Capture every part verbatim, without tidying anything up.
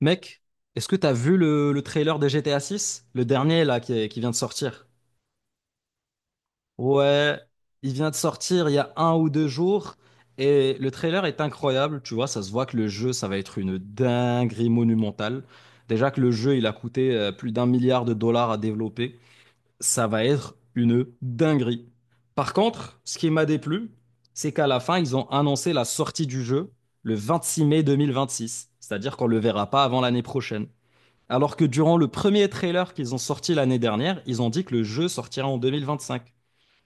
Mec, est-ce que t'as vu le, le trailer de G T A Six, Le dernier là qui, est- qui vient de sortir. Ouais, il vient de sortir il y a un ou deux jours et le trailer est incroyable, tu vois, ça se voit que le jeu ça va être une dinguerie monumentale. Déjà que le jeu il a coûté euh, plus d'un milliard de dollars à développer, ça va être une dinguerie. Par contre, ce qui m'a déplu, c'est qu'à la fin ils ont annoncé la sortie du jeu le vingt-six mai deux mille vingt six, c'est-à-dire qu'on le verra pas avant l'année prochaine. Alors que durant le premier trailer qu'ils ont sorti l'année dernière, ils ont dit que le jeu sortira en deux mille vingt-cinq.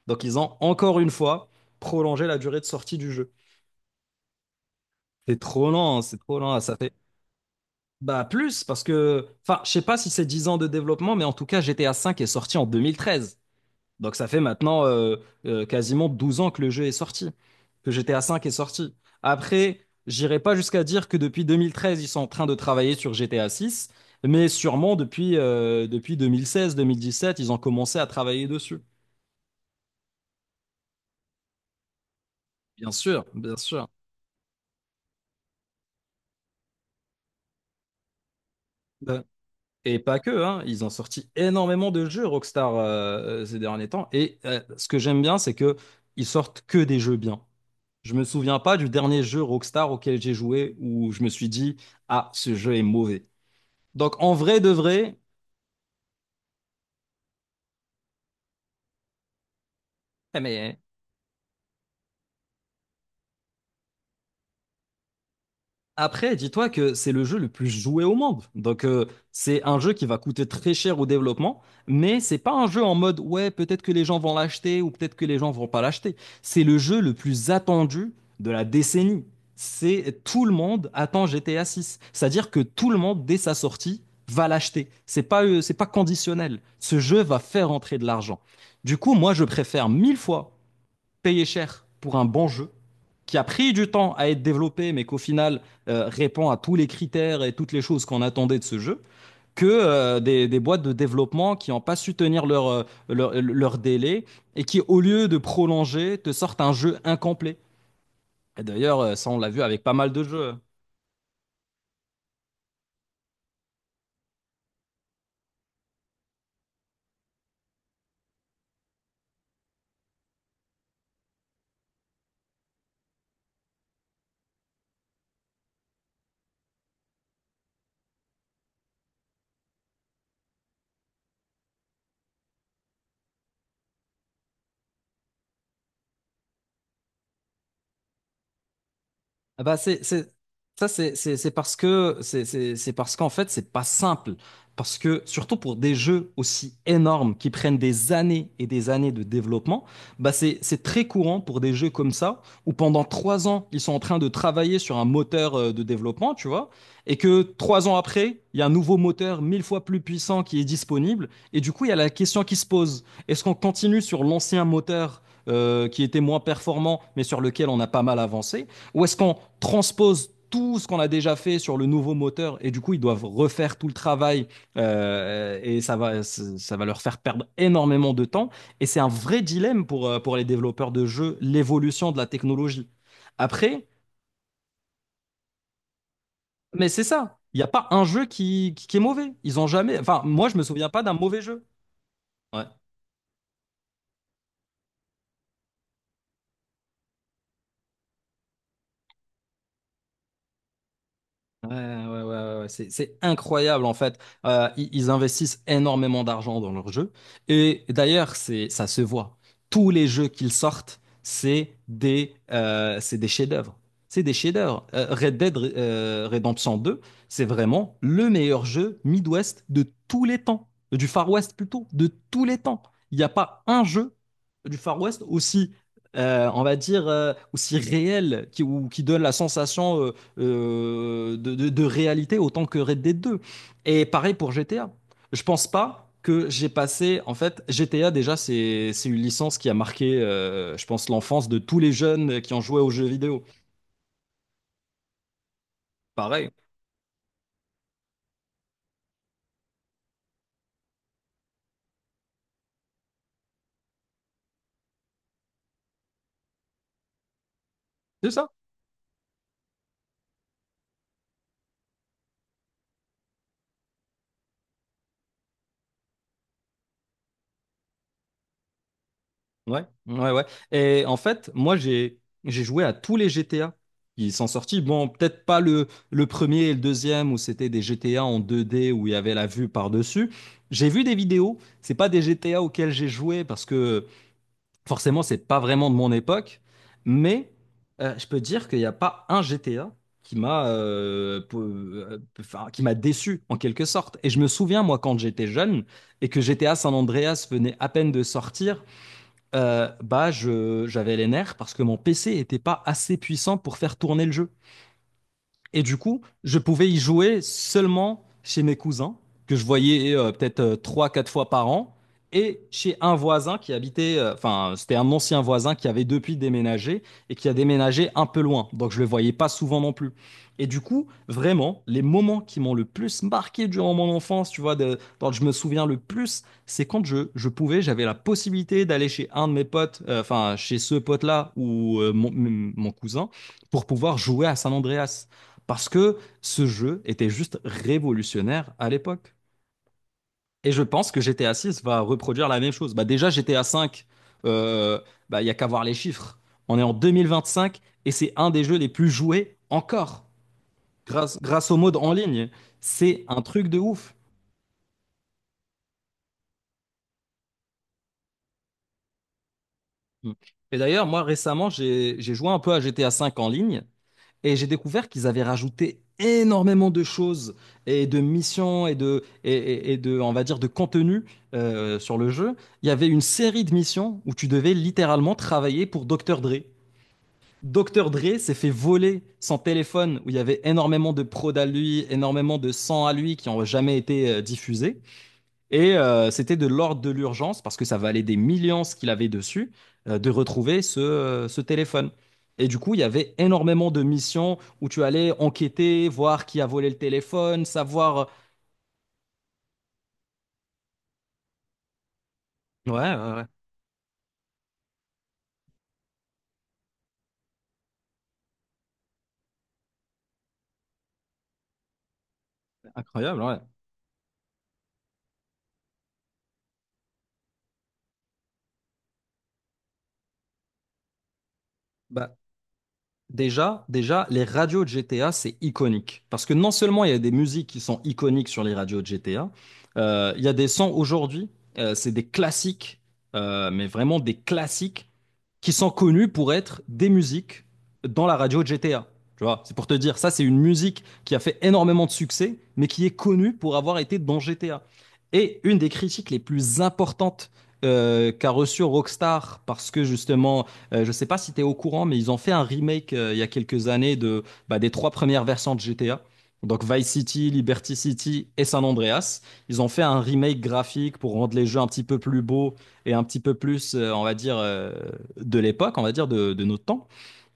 Donc ils ont encore une fois prolongé la durée de sortie du jeu. C'est trop lent, hein, c'est trop lent, ça fait... Bah plus, parce que... Enfin, je sais pas si c'est dix ans de développement, mais en tout cas G T A V est sorti en deux mille treize. Donc ça fait maintenant euh, euh, quasiment douze ans que le jeu est sorti, que G T A V est sorti. Après, j'irai pas jusqu'à dire que depuis deux mille treize, ils sont en train de travailler sur G T A six, mais sûrement depuis, euh, depuis deux mille seize-deux mille dix-sept, ils ont commencé à travailler dessus. Bien sûr, bien sûr. Euh, Et pas que, hein, ils ont sorti énormément de jeux Rockstar euh, euh, ces derniers temps. Et euh, ce que j'aime bien, c'est que ils sortent que des jeux bien. Je me souviens pas du dernier jeu Rockstar auquel j'ai joué où je me suis dit, ah, ce jeu est mauvais. Donc en vrai de vrai, eh mais après, dis-toi que c'est le jeu le plus joué au monde. Donc, euh, c'est un jeu qui va coûter très cher au développement, mais c'est pas un jeu en mode, ouais, peut-être que les gens vont l'acheter ou peut-être que les gens vont pas l'acheter. C'est le jeu le plus attendu de la décennie. C'est tout le monde attend G T A six. C'est-à-dire que tout le monde, dès sa sortie, va l'acheter. C'est pas, euh, c'est pas conditionnel. Ce jeu va faire entrer de l'argent. Du coup, moi, je préfère mille fois payé cher pour un bon jeu qui a pris du temps à être développé, mais qu'au final euh, répond à tous les critères et toutes les choses qu'on attendait de ce jeu, que euh, des, des boîtes de développement qui n'ont pas su tenir leur, euh, leur, euh, leur délai et qui, au lieu de prolonger, te sortent un jeu incomplet. Et d'ailleurs, euh, ça, on l'a vu avec pas mal de jeux. Ah bah c'est, c'est, ça, c'est c'est- c'est parce que, c'est c'est- c'est parce qu'en fait, c'est pas simple. Parce que, surtout pour des jeux aussi énormes qui prennent des années et des années de développement, bah c'est c'est très courant pour des jeux comme ça, où pendant trois ans, ils sont en train de travailler sur un moteur euh, de développement, tu vois, et que trois ans après, il y a un nouveau moteur mille fois plus puissant qui est disponible, et du coup, il y a la question qui se pose, est-ce qu'on continue sur l'ancien moteur euh, qui était moins performant, mais sur lequel on a pas mal avancé? Ou est-ce qu'on transpose tout ce qu'on a déjà fait sur le nouveau moteur et du coup ils doivent refaire tout le travail euh, et ça va ça va leur faire perdre énormément de temps et c'est un vrai dilemme pour euh, pour les développeurs de jeux, l'évolution de la technologie après. Mais c'est ça, il n'y a pas un jeu qui, qui, qui est mauvais, ils ont jamais, enfin moi je me souviens pas d'un mauvais jeu. Ouais. Ouais, ouais, ouais, ouais, ouais, C'est, c'est incroyable en fait. Euh, ils, ils investissent énormément d'argent dans leurs jeux. Et d'ailleurs, c'est, ça se voit. Tous les jeux qu'ils sortent, c'est des, euh, c'est des chefs-d'œuvre. C'est des chefs-d'œuvre. Euh, Red Dead euh, Redemption deux, c'est vraiment le meilleur jeu Midwest de tous les temps. Du Far West plutôt, de tous les temps. Il n'y a pas un jeu du Far West aussi, euh, on va dire, euh, aussi réel qui, ou qui donne la sensation euh, euh, de, de- de réalité autant que Red Dead deux. Et pareil pour G T A. Je pense pas que j'ai passé, en fait, G T A déjà, c'est c'est une licence qui a marqué, euh, je pense, l'enfance de tous les jeunes qui ont joué aux jeux vidéo. Pareil, c'est ça. Ouais, ouais, ouais. Et en fait, moi, j'ai j'ai joué à tous les G T A qui sont sortis. Bon, peut-être pas le, le premier et le deuxième où c'était des G T A en deux D où il y avait la vue par-dessus. J'ai vu des vidéos, c'est pas des G T A auxquels j'ai joué parce que forcément, c'est pas vraiment de mon époque, mais euh, je peux dire qu'il n'y a pas un G T A qui m'a euh, peu- euh, peu- enfin, qui m'a déçu en quelque sorte. Et je me souviens, moi, quand j'étais jeune et que G T A San Andreas venait à peine de sortir, euh, bah, je, j'avais les nerfs parce que mon P C était pas assez puissant pour faire tourner le jeu. Et du coup, je pouvais y jouer seulement chez mes cousins, que je voyais euh, peut-être euh, trois, quatre fois par an, et chez un voisin qui habitait, euh, enfin, c'était un ancien voisin qui avait depuis déménagé et qui a déménagé un peu loin. Donc, je le voyais pas souvent non plus. Et du coup, vraiment, les moments qui m'ont le plus marqué durant mon enfance, tu vois, de, dont je me souviens le plus, c'est quand je, je pouvais, j'avais la possibilité d'aller chez un de mes potes, euh, enfin, chez ce pote-là ou euh, mon, mon cousin, pour pouvoir jouer à San Andreas. Parce que ce jeu était juste révolutionnaire à l'époque. Et je pense que G T A six va reproduire la même chose. Bah déjà, G T A cinq, il bah, il y a qu'à voir les chiffres. On est en deux mille vingt-cinq et c'est un des jeux les plus joués encore, grâce, grâce au mode en ligne. C'est un truc de ouf. Et d'ailleurs, moi récemment, j'ai j'ai joué un peu à G T A cinq en ligne. Et j'ai découvert qu'ils avaient rajouté énormément de choses et de missions et de, et, et- et de, on va dire, de contenu euh, sur le jeu. Il y avait une série de missions où tu devais littéralement travailler pour Docteur Dre. Docteur Dre s'est fait voler son téléphone où il y avait énormément de prod à lui, énormément de sang à lui qui n'ont jamais été euh, diffusés. Et euh, c'était de l'ordre de l'urgence, parce que ça valait des millions ce qu'il avait dessus, euh, de retrouver ce, euh, ce téléphone. Et du coup, il y avait énormément de missions où tu allais enquêter, voir qui a volé le téléphone, savoir... Ouais, ouais, ouais. Incroyable, ouais. Bah, déjà, déjà, les radios de G T A, c'est iconique. Parce que non seulement il y a des musiques qui sont iconiques sur les radios de G T A, euh, il y a des sons aujourd'hui, euh, c'est des classiques, euh, mais vraiment des classiques qui sont connus pour être des musiques dans la radio de G T A. Tu vois, c'est pour te dire, ça, c'est une musique qui a fait énormément de succès, mais qui est connue pour avoir été dans G T A. Et une des critiques les plus importantes euh, qu'a reçue Rockstar, parce que justement, euh, je ne sais pas si tu es au courant, mais ils ont fait un remake euh, il y a quelques années de, bah, des trois premières versions de G T A. Donc Vice City, Liberty City et San Andreas. Ils ont fait un remake graphique pour rendre les jeux un petit peu plus beaux, et un petit peu plus, euh, on va dire, euh, de l'époque, on va dire, de, de notre temps.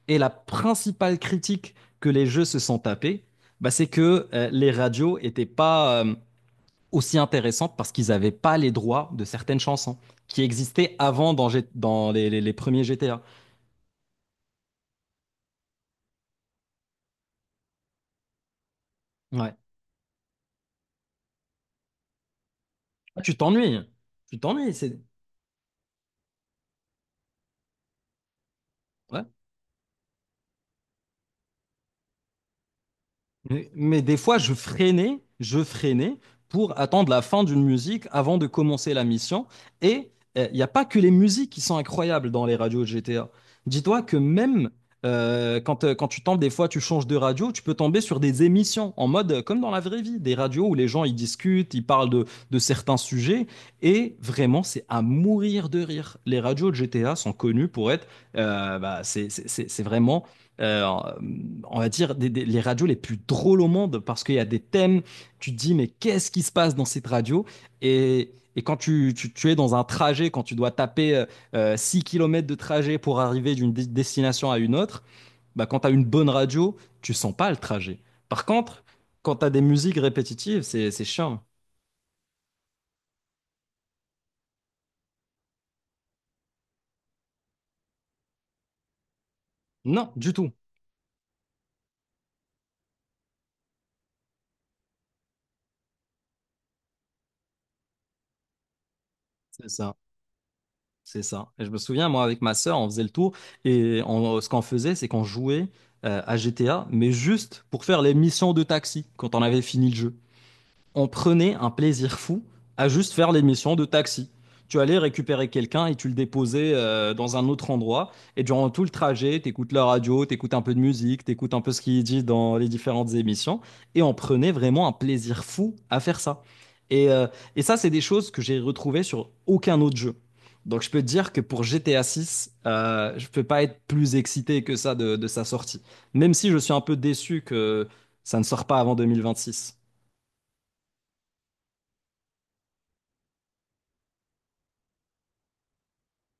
Et la principale critique que les jeux se sont tapés, bah, c'est que euh, les radios étaient pas euh, aussi intéressantes parce qu'ils n'avaient pas les droits de certaines chansons qui existaient avant dans, G- dans les, les- les premiers G T A. Ouais. Ah, Tu t'ennuies. Tu t'ennuies. C'est... Ouais. Mais, mais des fois, je freinais, je freinais pour attendre la fin d'une musique avant de commencer la mission. Et eh, il n'y a pas que les musiques qui sont incroyables dans les radios G T A. Dis-toi que même euh, quand, euh, quand tu tombes, des fois, tu changes de radio, tu peux tomber sur des émissions en mode euh, comme dans la vraie vie, des radios où les gens ils discutent, ils parlent de, de certains sujets. Et vraiment, c'est à mourir de rire. Les radios de G T A sont connues pour être, euh, bah, c'est c'est- c'est- c'est vraiment euh, on va dire, des, des- les radios les plus drôles au monde parce qu'il y a des thèmes, tu te dis, mais qu'est-ce qui se passe dans cette radio? Et, et quand tu, tu- tu es dans un trajet, quand tu dois taper euh, six kilomètres de trajet pour arriver d'une dé- destination à une autre, bah, quand tu as une bonne radio, tu sens pas le trajet. Par contre, quand tu as des musiques répétitives, c'est c'est chiant. Non, du tout. C'est ça. C'est ça. Et je me souviens, moi, avec ma sœur, on faisait le tour et on- ce qu'on faisait, c'est qu'on jouait euh, à G T A, mais juste pour faire les missions de taxi quand on avait fini le jeu, on prenait un plaisir fou à juste faire l'émission de taxi. Tu allais récupérer quelqu'un et tu le déposais euh, dans un autre endroit. Et durant tout le trajet, t'écoutes la radio, t'écoutes un peu de musique, t'écoutes un peu ce qu'il dit dans les différentes émissions. Et on prenait vraiment un plaisir fou à faire ça. Et, euh, et ça, c'est des choses que j'ai retrouvées sur aucun autre jeu. Donc je peux te dire que pour G T A six, euh, je peux pas être plus excité que ça de, de sa sortie. Même si je suis un peu déçu que ça ne sort pas avant deux mille vingt-six.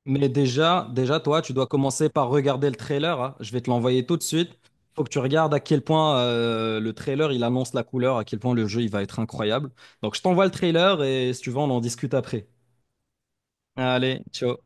Mais déjà, déjà, toi, tu dois commencer par regarder le trailer, hein. Je vais te l'envoyer tout de suite. Faut que tu regardes à quel point euh, le trailer il annonce la couleur, à quel point le jeu il va être incroyable. Donc je t'envoie le trailer et si tu veux, on en discute après. Allez, ciao.